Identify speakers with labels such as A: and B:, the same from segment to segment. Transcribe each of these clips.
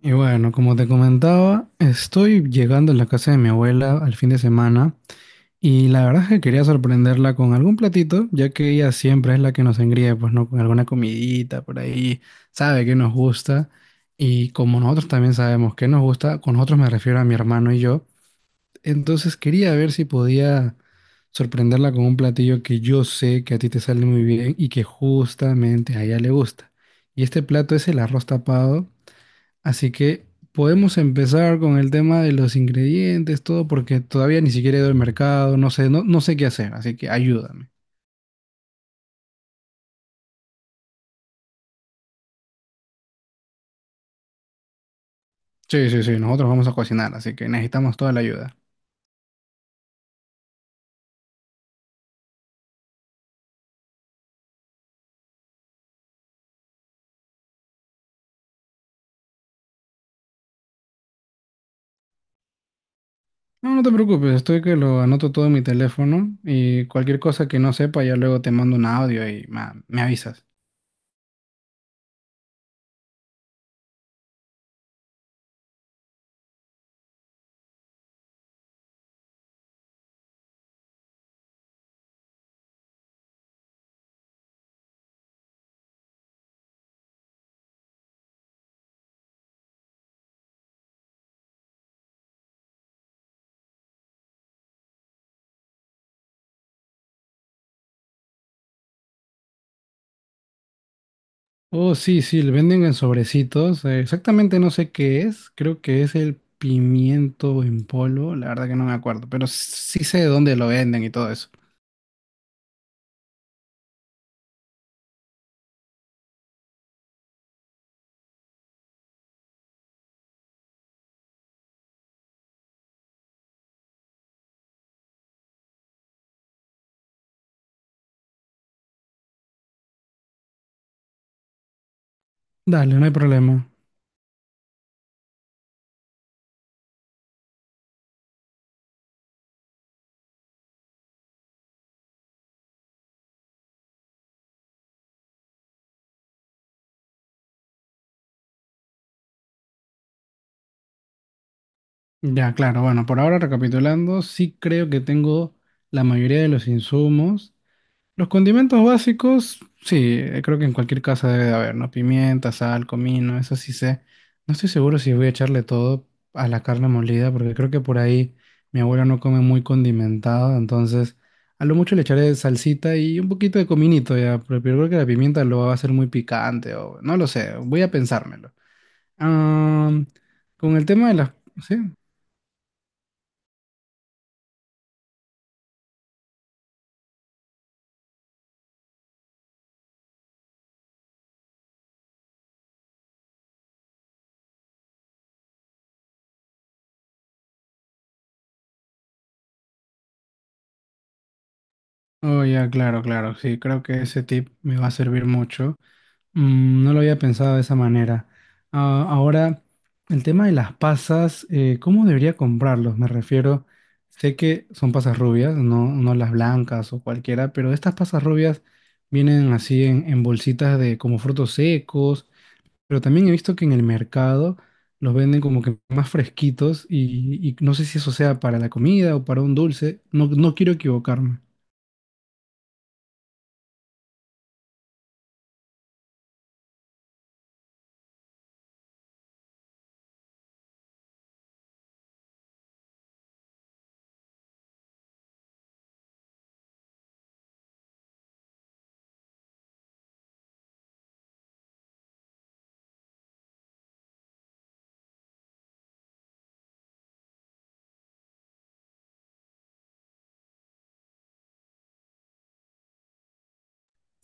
A: Y bueno, como te comentaba, estoy llegando a la casa de mi abuela al fin de semana y la verdad es que quería sorprenderla con algún platito, ya que ella siempre es la que nos engríe, pues no, con alguna comidita por ahí, sabe que nos gusta y como nosotros también sabemos que nos gusta, con nosotros me refiero a mi hermano y yo, entonces quería ver si podía sorprenderla con un platillo que yo sé que a ti te sale muy bien y que justamente a ella le gusta. Y este plato es el arroz tapado. Así que podemos empezar con el tema de los ingredientes, todo, porque todavía ni siquiera he ido al mercado, no sé, no, no sé qué hacer, así que ayúdame. Sí, sí, sí, nosotros vamos a cocinar, así que necesitamos toda la ayuda. No, no te preocupes, estoy que lo anoto todo en mi teléfono y cualquier cosa que no sepa ya luego te mando un audio y me avisas. Oh, sí, sí, le venden en sobrecitos. Exactamente no sé qué es, creo que es el pimiento en polvo, la verdad que no me acuerdo, pero sí sé de dónde lo venden y todo eso. Dale, no hay problema. Ya, claro. Bueno, por ahora recapitulando, sí creo que tengo la mayoría de los insumos. Los condimentos básicos, sí, creo que en cualquier casa debe de haber, ¿no? Pimienta, sal, comino, eso sí sé. No estoy seguro si voy a echarle todo a la carne molida, porque creo que por ahí mi abuela no come muy condimentado, entonces a lo mucho le echaré salsita y un poquito de cominito ya, pero creo que la pimienta lo va a hacer muy picante o no lo sé, voy a pensármelo. Ah, con el tema de las... ¿Sí? Oh, ya, claro, claro, sí, creo que ese tip me va a servir mucho. Mm, no lo había pensado de esa manera. Ah, ahora, el tema de las pasas, ¿cómo debería comprarlos? Me refiero, sé que son pasas rubias, no, no las blancas o cualquiera, pero estas pasas rubias vienen así en bolsitas de como frutos secos, pero también he visto que en el mercado los venden como que más fresquitos y no sé si eso sea para la comida o para un dulce, no, no quiero equivocarme.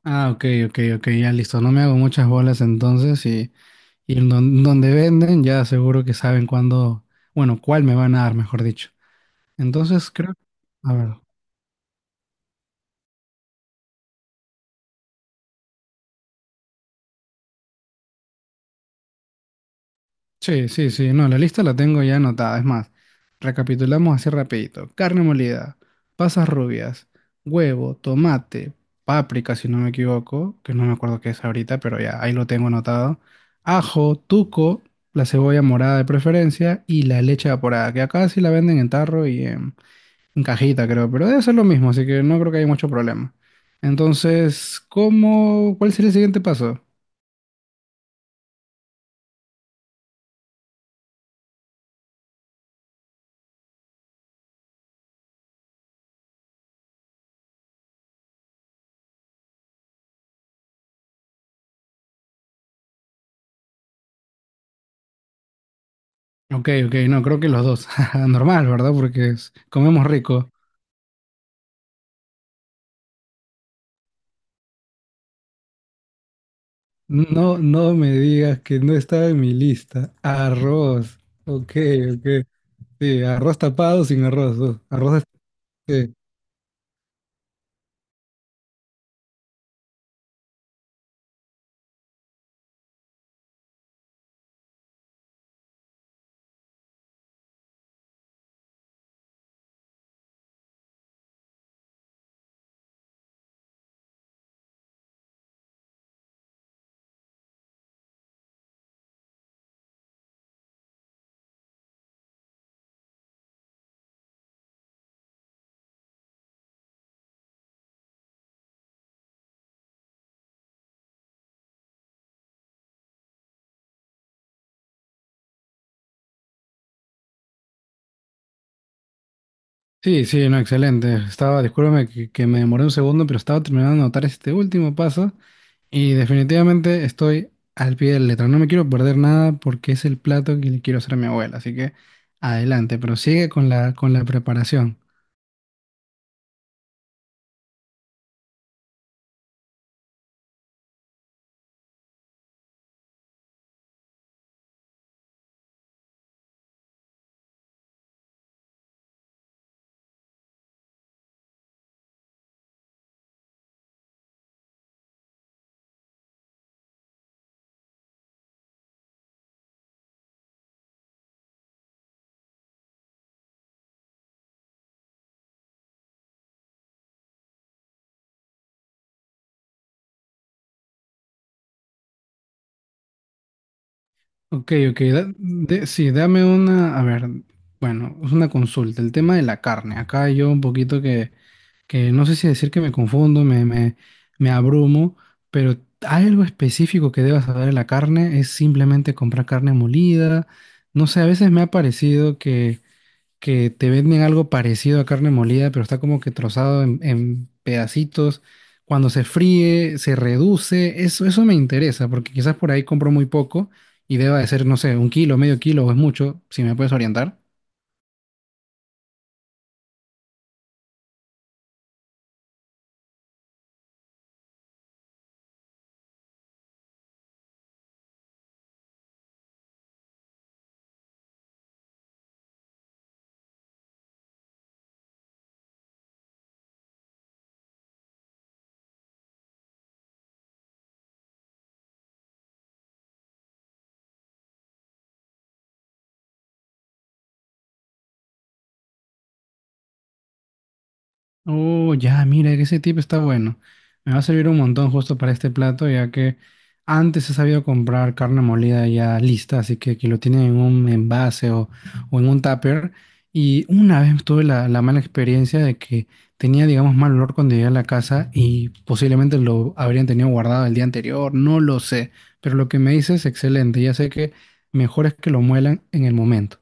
A: Ah, ok, ok, ok, ya listo. No me hago muchas bolas entonces y en donde venden ya seguro que saben cuándo, bueno, cuál me van a dar, mejor dicho. Entonces creo, a ver. Sí, sí, sí. No, la lista la tengo ya anotada. Es más, recapitulamos así rapidito. Carne molida, pasas rubias, huevo, tomate, páprica, si no me equivoco, que no me acuerdo qué es ahorita, pero ya ahí lo tengo anotado. Ajo, tuco, la cebolla morada de preferencia y la leche evaporada, que acá sí la venden en tarro y en cajita, creo, pero debe ser lo mismo, así que no creo que haya mucho problema. Entonces, ¿cómo, cuál sería el siguiente paso? Ok, ok, no, creo que los dos. Normal, ¿verdad? Porque comemos rico. No, no me digas que no estaba en mi lista. Arroz. Ok, ok. Sí, arroz tapado sin arroz. Arroz. este- Sí, sí, no, excelente. Estaba, discúlpame que me demoré un segundo, pero estaba terminando de anotar este último paso y definitivamente estoy al pie de la letra. No me quiero perder nada porque es el plato que le quiero hacer a mi abuela, así que adelante, pero sigue con la preparación. Ok, ok. Sí, dame una, a ver, bueno, es una consulta. El tema de la carne. Acá yo un poquito que no sé si decir que me confundo, me abrumo, pero algo específico que debas saber de la carne es simplemente comprar carne molida. No sé, a veces me ha parecido que te venden algo parecido a carne molida, pero está como que trozado en pedacitos. Cuando se fríe, se reduce. Eso me interesa, porque quizás por ahí compro muy poco y deba de ser, no sé, un kilo, medio kilo o es mucho, si me puedes orientar. Oh, ya, mira, que ese tip está bueno. Me va a servir un montón justo para este plato, ya que antes he sabido comprar carne molida ya lista, así que aquí lo tienen en un envase o en un tupper. Y una vez tuve la, la mala experiencia de que tenía, digamos, mal olor cuando llegué a la casa y posiblemente lo habrían tenido guardado el día anterior, no lo sé. Pero lo que me dices es excelente, ya sé que mejor es que lo muelan en el momento.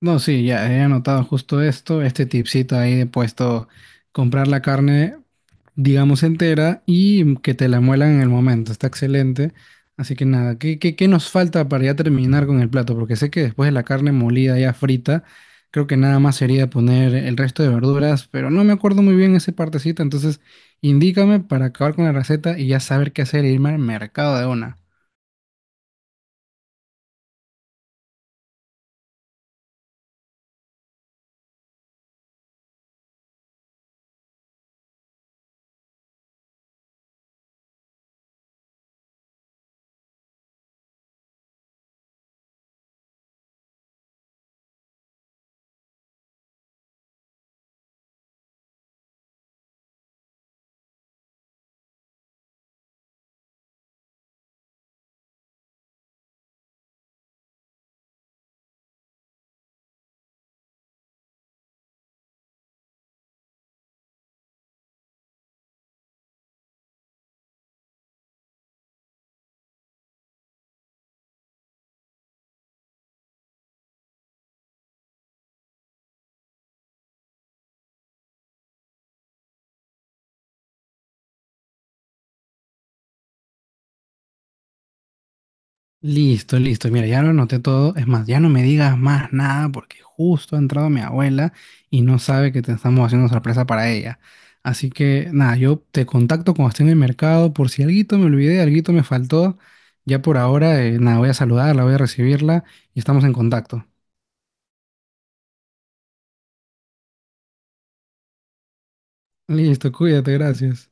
A: No, sí, ya he anotado justo esto, este tipcito ahí de puesto, comprar la carne, digamos, entera y que te la muelan en el momento, está excelente. Así que nada, ¿qué, qué, qué nos falta para ya terminar con el plato? Porque sé que después de la carne molida ya frita, creo que nada más sería poner el resto de verduras, pero no me acuerdo muy bien esa partecita, entonces indícame para acabar con la receta y ya saber qué hacer e irme al mercado de una. Listo, listo. Mira, ya lo anoté todo. Es más, ya no me digas más nada porque justo ha entrado mi abuela y no sabe que te estamos haciendo sorpresa para ella. Así que nada, yo te contacto cuando esté en el mercado por si alguito me olvidé, alguito me faltó. Ya por ahora, nada, voy a saludarla, voy a recibirla y estamos en contacto. Listo, cuídate, gracias.